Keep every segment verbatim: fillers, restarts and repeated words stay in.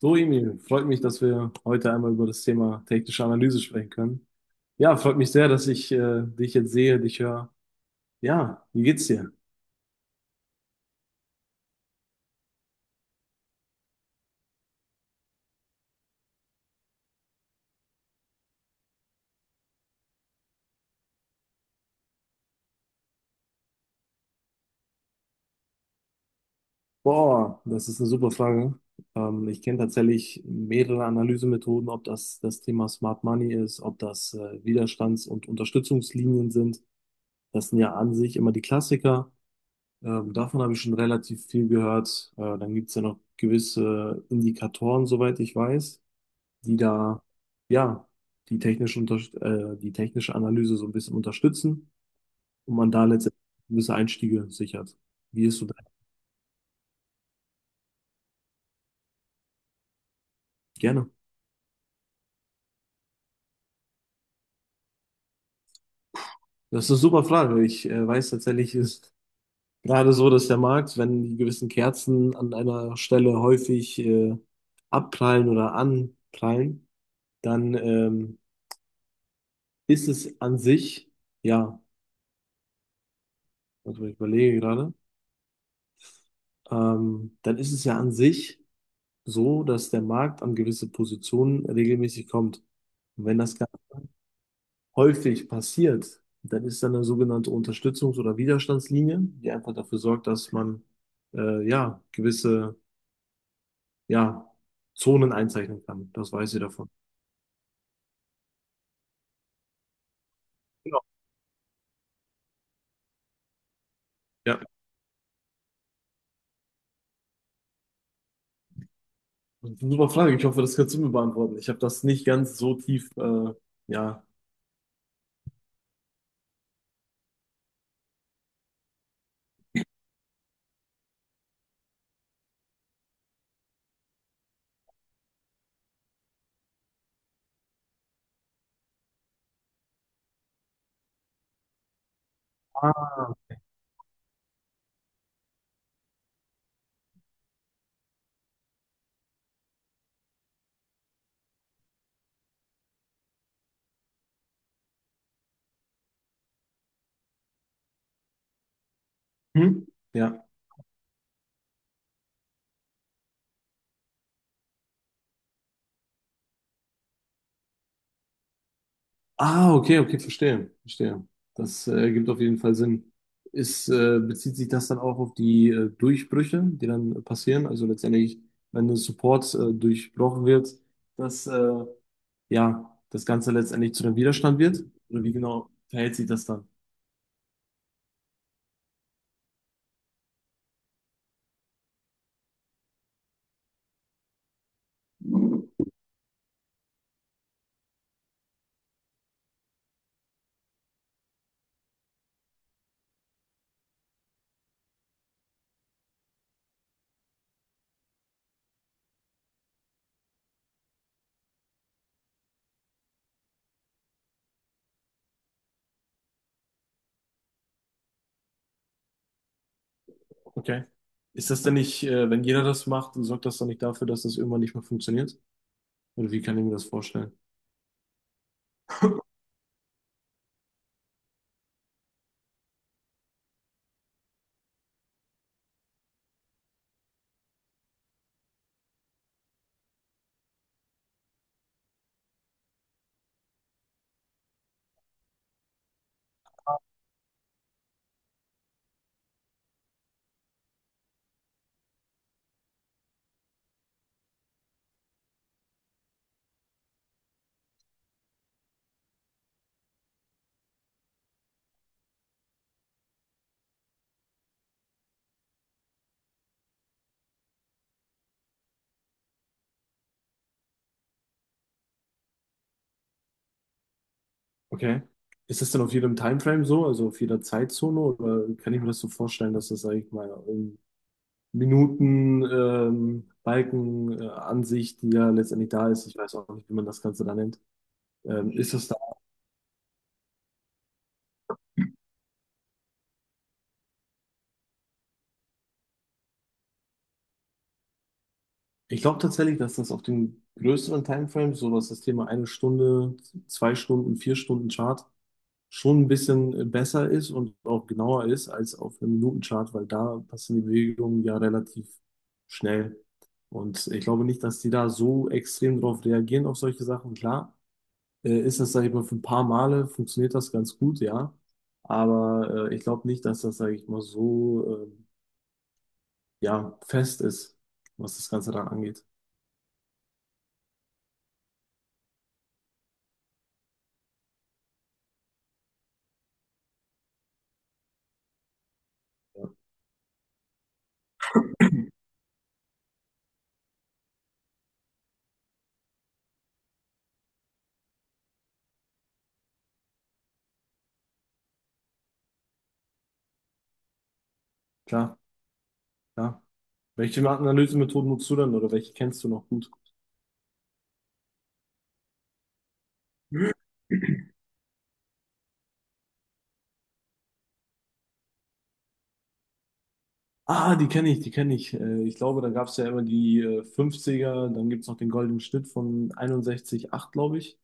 So, Emil, freut mich, dass wir heute einmal über das Thema technische Analyse sprechen können. Ja, freut mich sehr, dass ich äh, dich jetzt sehe, dich höre. Ja, wie geht's dir? Boah, das ist eine super Frage. Ähm, ich kenne tatsächlich mehrere Analysemethoden, ob das das Thema Smart Money ist, ob das äh, Widerstands- und Unterstützungslinien sind. Das sind ja an sich immer die Klassiker. Ähm, davon habe ich schon relativ viel gehört. Äh, dann gibt's ja noch gewisse Indikatoren, soweit ich weiß, die da ja die technische, unter äh, die technische Analyse so ein bisschen unterstützen und man da letztendlich gewisse Einstiege sichert. Wie ist du da? Gerne. Das ist eine super Frage. Ich äh, weiß tatsächlich, ist gerade so, dass der Markt, wenn die gewissen Kerzen an einer Stelle häufig äh, abprallen oder anprallen, dann ähm, ist es an sich, ja, also ich überlege gerade, ähm, dann ist es ja an sich so, dass der Markt an gewisse Positionen regelmäßig kommt. Und wenn das ganz häufig passiert, dann ist da eine sogenannte Unterstützungs- oder Widerstandslinie, die einfach dafür sorgt, dass man äh, ja gewisse, ja, Zonen einzeichnen kann. Das weiß ich davon. Genau. Ja, super Frage. Ich hoffe, das kannst du mir beantworten. Ich habe das nicht ganz so tief, äh, ja. Ah. Hm? Ja. Ah, okay, okay, verstehe, verstehe. Das äh, ergibt auf jeden Fall Sinn. Ist, äh, bezieht sich das dann auch auf die äh, Durchbrüche, die dann passieren? Also letztendlich, wenn der Support äh, durchbrochen wird, dass äh, ja das Ganze letztendlich zu einem Widerstand wird? Oder wie genau verhält sich das dann? Okay. Ist das denn nicht, äh, wenn jeder das macht, sorgt das dann nicht dafür, dass das irgendwann nicht mehr funktioniert? Oder wie kann ich mir das vorstellen? Okay. Ist das denn auf jedem Timeframe so, also auf jeder Zeitzone, oder kann ich mir das so vorstellen, dass das, sag ich mal, um Minuten, ähm, Balken, äh, Ansicht, die ja letztendlich da ist. Ich weiß auch nicht, wie man das Ganze da nennt. Ähm, ist das da? Ich glaube tatsächlich, dass das auf den größeren Timeframes, so was das Thema eine Stunde, zwei Stunden, vier Stunden Chart, schon ein bisschen äh, besser ist und auch genauer ist als auf einem Minutenchart, weil da passen die Bewegungen ja relativ schnell. Und ich glaube nicht, dass die da so extrem drauf reagieren auf solche Sachen. Klar, äh, ist das, sage ich mal, für ein paar Male funktioniert das ganz gut, ja. Aber äh, ich glaube nicht, dass das, sage ich mal, so ähm, ja, fest ist, was das Ganze dann angeht. Ja, klar, klar. Welche Analysemethoden nutzt du denn oder welche kennst du noch gut? Ah, die kenne ich, die kenne ich. Äh, ich glaube, da gab es ja immer die äh, fünfziger, dann gibt es noch den goldenen Schnitt von einundsechzig Komma acht, glaube ich.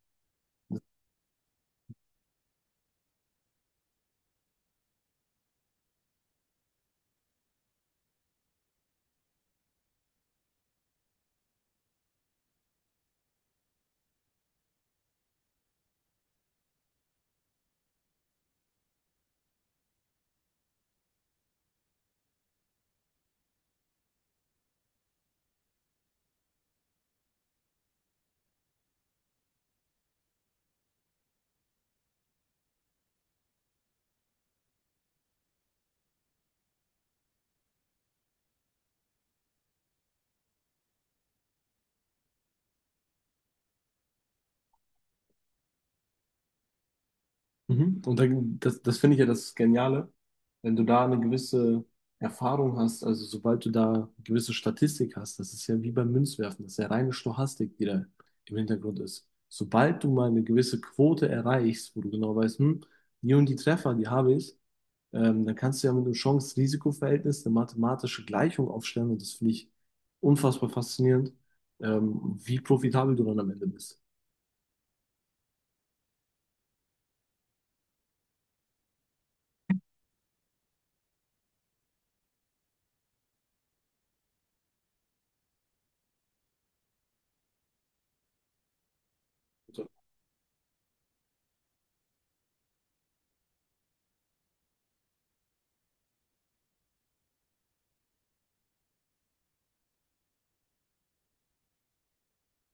Mhm. Und dann, das, das finde ich ja das Geniale, wenn du da eine gewisse Erfahrung hast, also sobald du da eine gewisse Statistik hast, das ist ja wie beim Münzwerfen, das ist ja reine Stochastik, die da im Hintergrund ist. Sobald du mal eine gewisse Quote erreichst, wo du genau weißt, hm, die und die Treffer, die habe ich, ähm, dann kannst du ja mit einem Chance-Risiko-Verhältnis eine mathematische Gleichung aufstellen und das finde ich unfassbar faszinierend, ähm, wie profitabel du dann am Ende bist. So,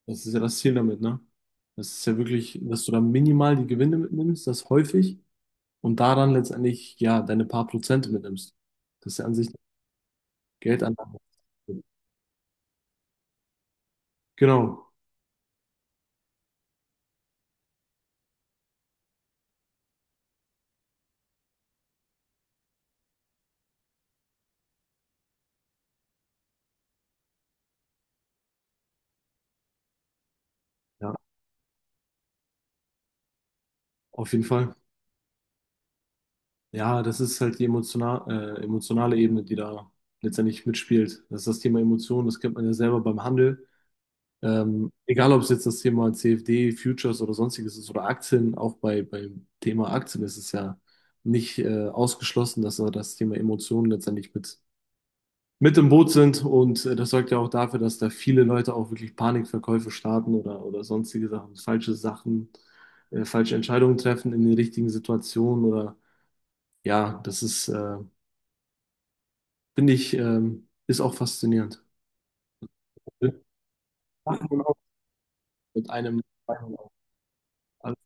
das ist ja das Ziel damit, ne? Das ist ja wirklich, dass du dann minimal die Gewinne mitnimmst, das häufig, und daran letztendlich, ja, deine paar Prozente mitnimmst. Das ist ja an sich Geldanlage. Genau, ja, auf jeden Fall. Ja, das ist halt die emotional, äh, emotionale Ebene, die da letztendlich mitspielt. Das ist das Thema Emotionen, das kennt man ja selber beim Handel. Ähm, egal, ob es jetzt das Thema C F D, Futures oder sonstiges ist oder Aktien, auch bei, beim Thema Aktien ist es ja nicht äh, ausgeschlossen, dass da das Thema Emotionen letztendlich mit, mit im Boot sind. Und äh, das sorgt ja auch dafür, dass da viele Leute auch wirklich Panikverkäufe starten oder, oder sonstige Sachen, falsche Sachen, äh, falsche Entscheidungen treffen in den richtigen Situationen oder ja, das ist, äh, finde ich, ähm, ist auch faszinierend. Mit einem. Mit einem, alles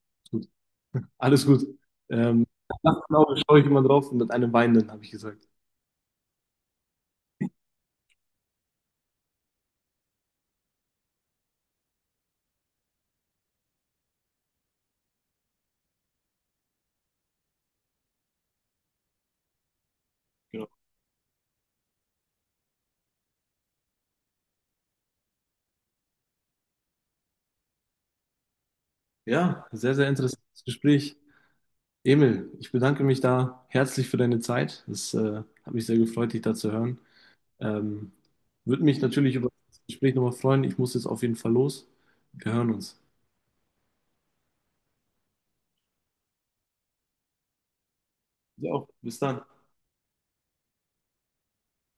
Alles gut. Ähm, Nachts genau schaue ich immer drauf und mit einem Weinenden, habe ich gesagt. Genau. Ja, sehr, sehr interessantes Gespräch. Emil, ich bedanke mich da herzlich für deine Zeit. Es äh, hat mich sehr gefreut, dich da zu hören. Ähm, Würde mich natürlich über das Gespräch nochmal freuen. Ich muss jetzt auf jeden Fall los. Wir hören uns. Ja, bis dann.